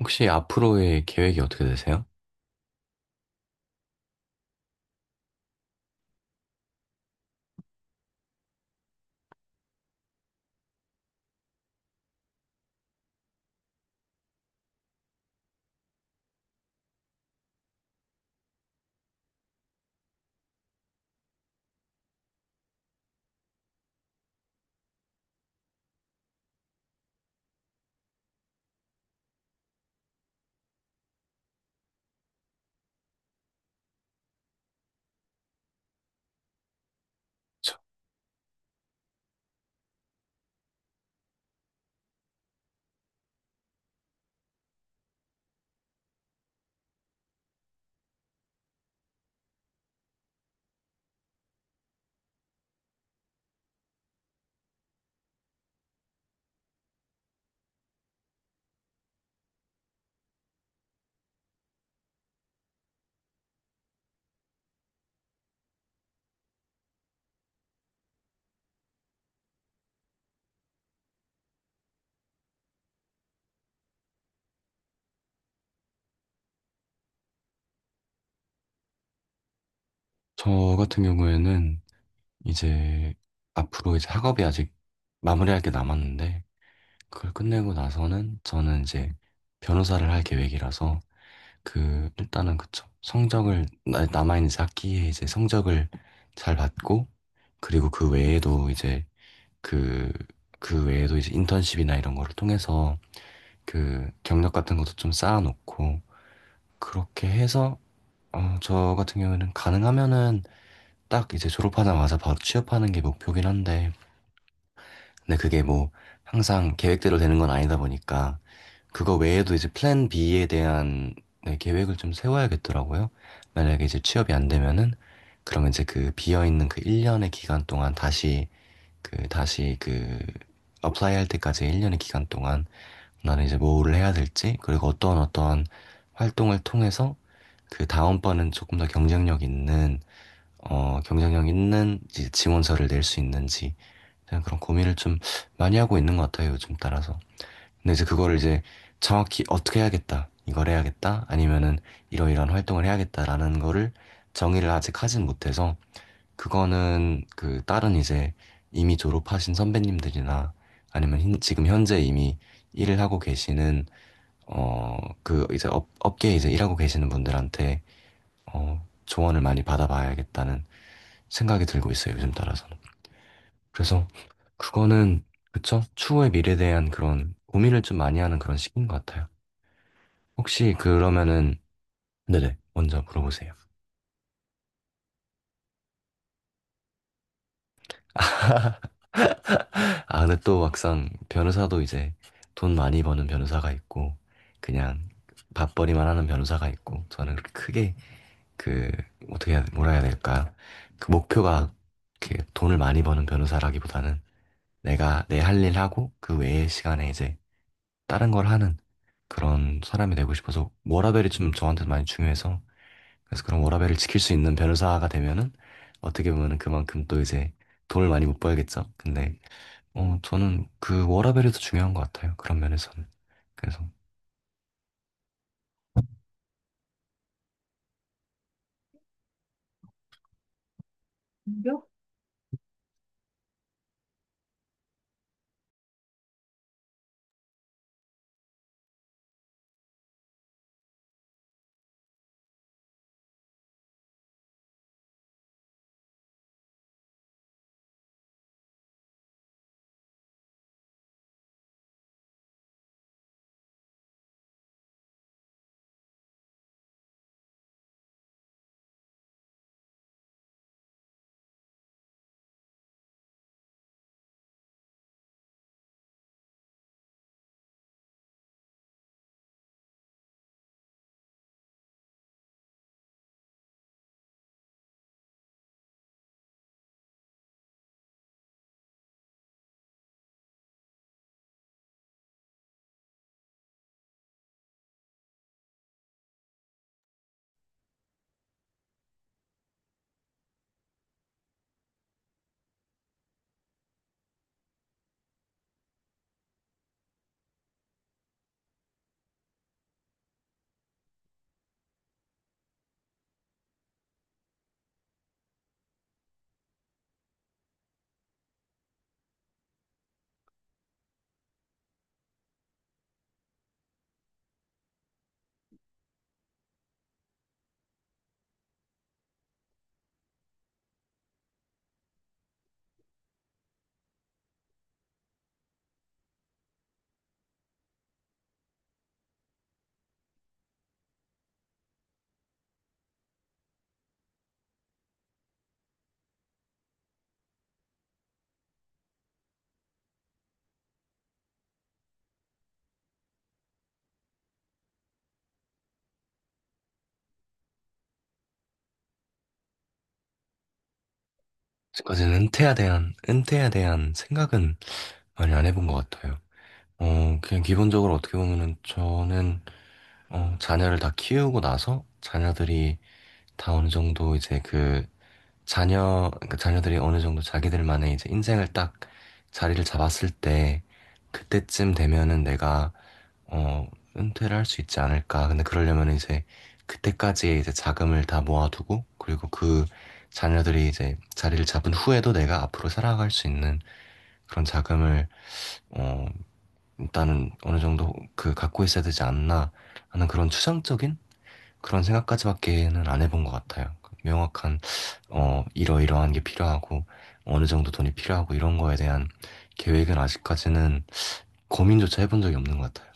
혹시 앞으로의 계획이 어떻게 되세요? 저, 저 같은 경우에는 이제 앞으로 이제 학업이 아직 마무리할 게 남았는데, 그걸 끝내고 나서는 저는 이제 변호사를 할 계획이라서 그 일단은, 그쵸, 성적을 남아있는 이제 학기에 이제 성적을 잘 받고, 그리고 그 외에도 이제 그 그 외에도 이제 인턴십이나 이런 거를 통해서 그 경력 같은 것도 좀 쌓아놓고, 그렇게 해서 저 같은 경우에는 가능하면은 딱 이제 졸업하자마자 바로 취업하는 게 목표긴 한데, 근데 그게 뭐 항상 계획대로 되는 건 아니다 보니까, 그거 외에도 이제 플랜 B에 대한, 네, 계획을 좀 세워야겠더라고요. 만약에 이제 취업이 안 되면은, 그러면 이제 그 비어있는 그 1년의 기간 동안 다시, 그, 다시 그, 어플라이 할 때까지 1년의 기간 동안 나는 이제 뭐를 해야 될지, 그리고 어떠한 활동을 통해서 그 다음번은 조금 더 경쟁력 있는, 경쟁력 있는 이제 지원서를 낼 수 있는지, 그냥 그런 고민을 좀 많이 하고 있는 것 같아요, 요즘 따라서. 근데 이제 그거를 이제 정확히 어떻게 해야겠다, 이걸 해야겠다, 아니면은 이러이러한 활동을 해야겠다라는 거를 정의를 아직 하진 못해서, 그거는 그 다른 이제 이미 졸업하신 선배님들이나 아니면 지금 현재 이미 일을 하고 계시는, 어, 그 이제 업계에 이제 일하고 계시는 분들한테 조언을 많이 받아봐야겠다는 생각이 들고 있어요, 요즘 따라서는. 그래서 그거는, 그쵸? 추후의 미래에 대한 그런 고민을 좀 많이 하는 그런 시기인 것 같아요. 혹시 그러면은, 네네, 먼저 물어보세요. 아, 근데 또 막상 변호사도 이제 돈 많이 버는 변호사가 있고, 그냥 밥벌이만 하는 변호사가 있고, 저는 그렇게 크게 그, 어떻게 해야, 뭐라 해야 될까. 그 목표가 이렇게 돈을 많이 버는 변호사라기보다는 내가 내 할 일 하고, 그 외의 시간에 이제 다른 걸 하는 그런 사람이 되고 싶어서, 워라밸이 좀 저한테 많이 중요해서, 그래서 그런 워라밸을 지킬 수 있는 변호사가 되면은 어떻게 보면은 그만큼 또 이제 돈을 많이 못 벌겠죠. 근데 저는 그 워라밸이 더 중요한 것 같아요. 그런 면에서는. 그래서 지금까지는 은퇴에 대한 생각은 많이 안 해본 것 같아요. 그냥 기본적으로 어떻게 보면은 저는 자녀를 다 키우고 나서 자녀들이 다 어느 정도 이제 그 그러니까 자녀들이 어느 정도 자기들만의 이제 인생을 딱 자리를 잡았을 때, 그때쯤 되면은 내가, 어, 은퇴를 할 수 있지 않을까. 근데 그러려면 이제 그때까지의 이제 자금을 다 모아두고, 그리고 그 자녀들이 이제 자리를 잡은 후에도 내가 앞으로 살아갈 수 있는 그런 자금을, 어, 일단은 어느 정도 그 갖고 있어야 되지 않나 하는 그런 추상적인 그런 생각까지밖에는 안 해본 것 같아요. 명확한 이러이러한 게 필요하고 어느 정도 돈이 필요하고 이런 거에 대한 계획은 아직까지는 고민조차 해본 적이 없는 것 같아요.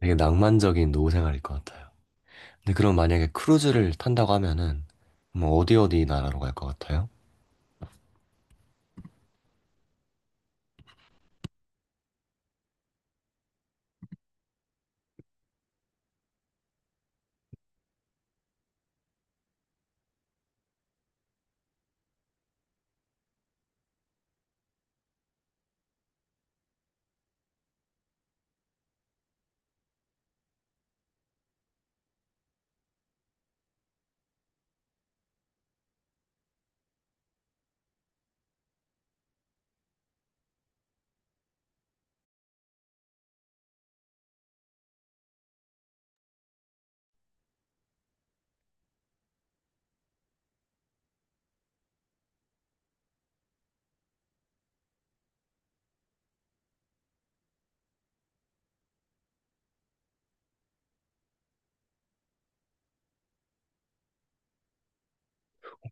되게 낭만적인 노후 생활일 것 같아요. 근데 그럼 만약에 크루즈를 탄다고 하면은 뭐 어디 나라로 갈 것 같아요?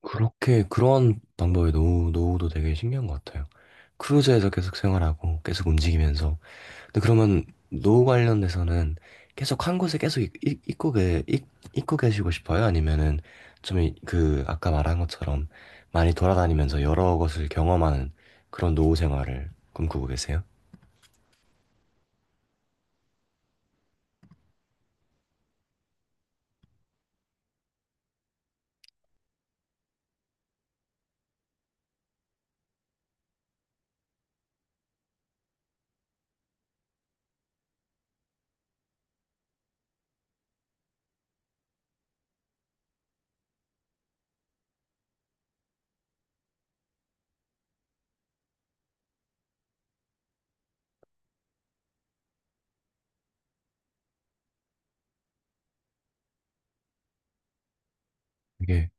그렇게 그런 방법의 노후도 되게 신기한 것 같아요. 크루즈에서 계속 생활하고 계속 움직이면서, 근데 그러면 노 관련돼서는 계속 한 곳에 계속 있, 있, 있고, 계, 있, 있고 계시고 싶어요? 아니면은 좀 그 아까 말한 것처럼 많이 돌아다니면서 여러 곳을 경험하는 그런 노후 생활을 꿈꾸고 계세요? 이게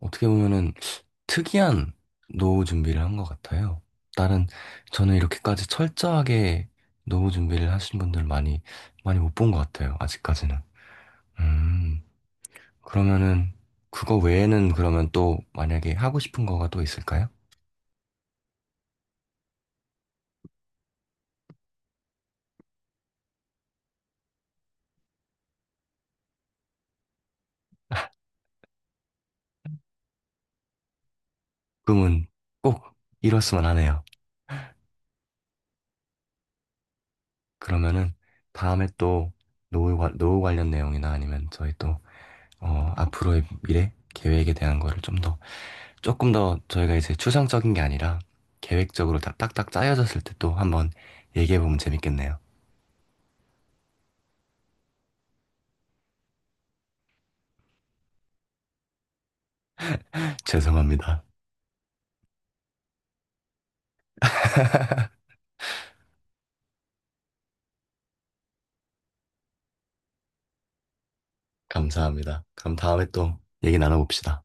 어떻게 보면은 특이한 노후 준비를 한 것 같아요. 다른 저는 이렇게까지 철저하게 노후 준비를 하신 분들 많이 못 본 것 같아요. 아직까지는. 음. 그러면은 그거 외에는 그러면 또 만약에 하고 싶은 거가 또 있을까요? 꿈은 꼭 이뤘으면 하네요. 그러면은 다음에 또 노후 관련 내용이나 아니면 저희 또 앞으로의 미래 계획에 대한 거를 좀 더 조금 더 저희가 이제 추상적인 게 아니라 계획적으로 다 딱딱 짜여졌을 때 또 한번 얘기해 보면 재밌겠네요. 죄송합니다. 감사합니다. 그럼 다음에 또 얘기 나눠봅시다.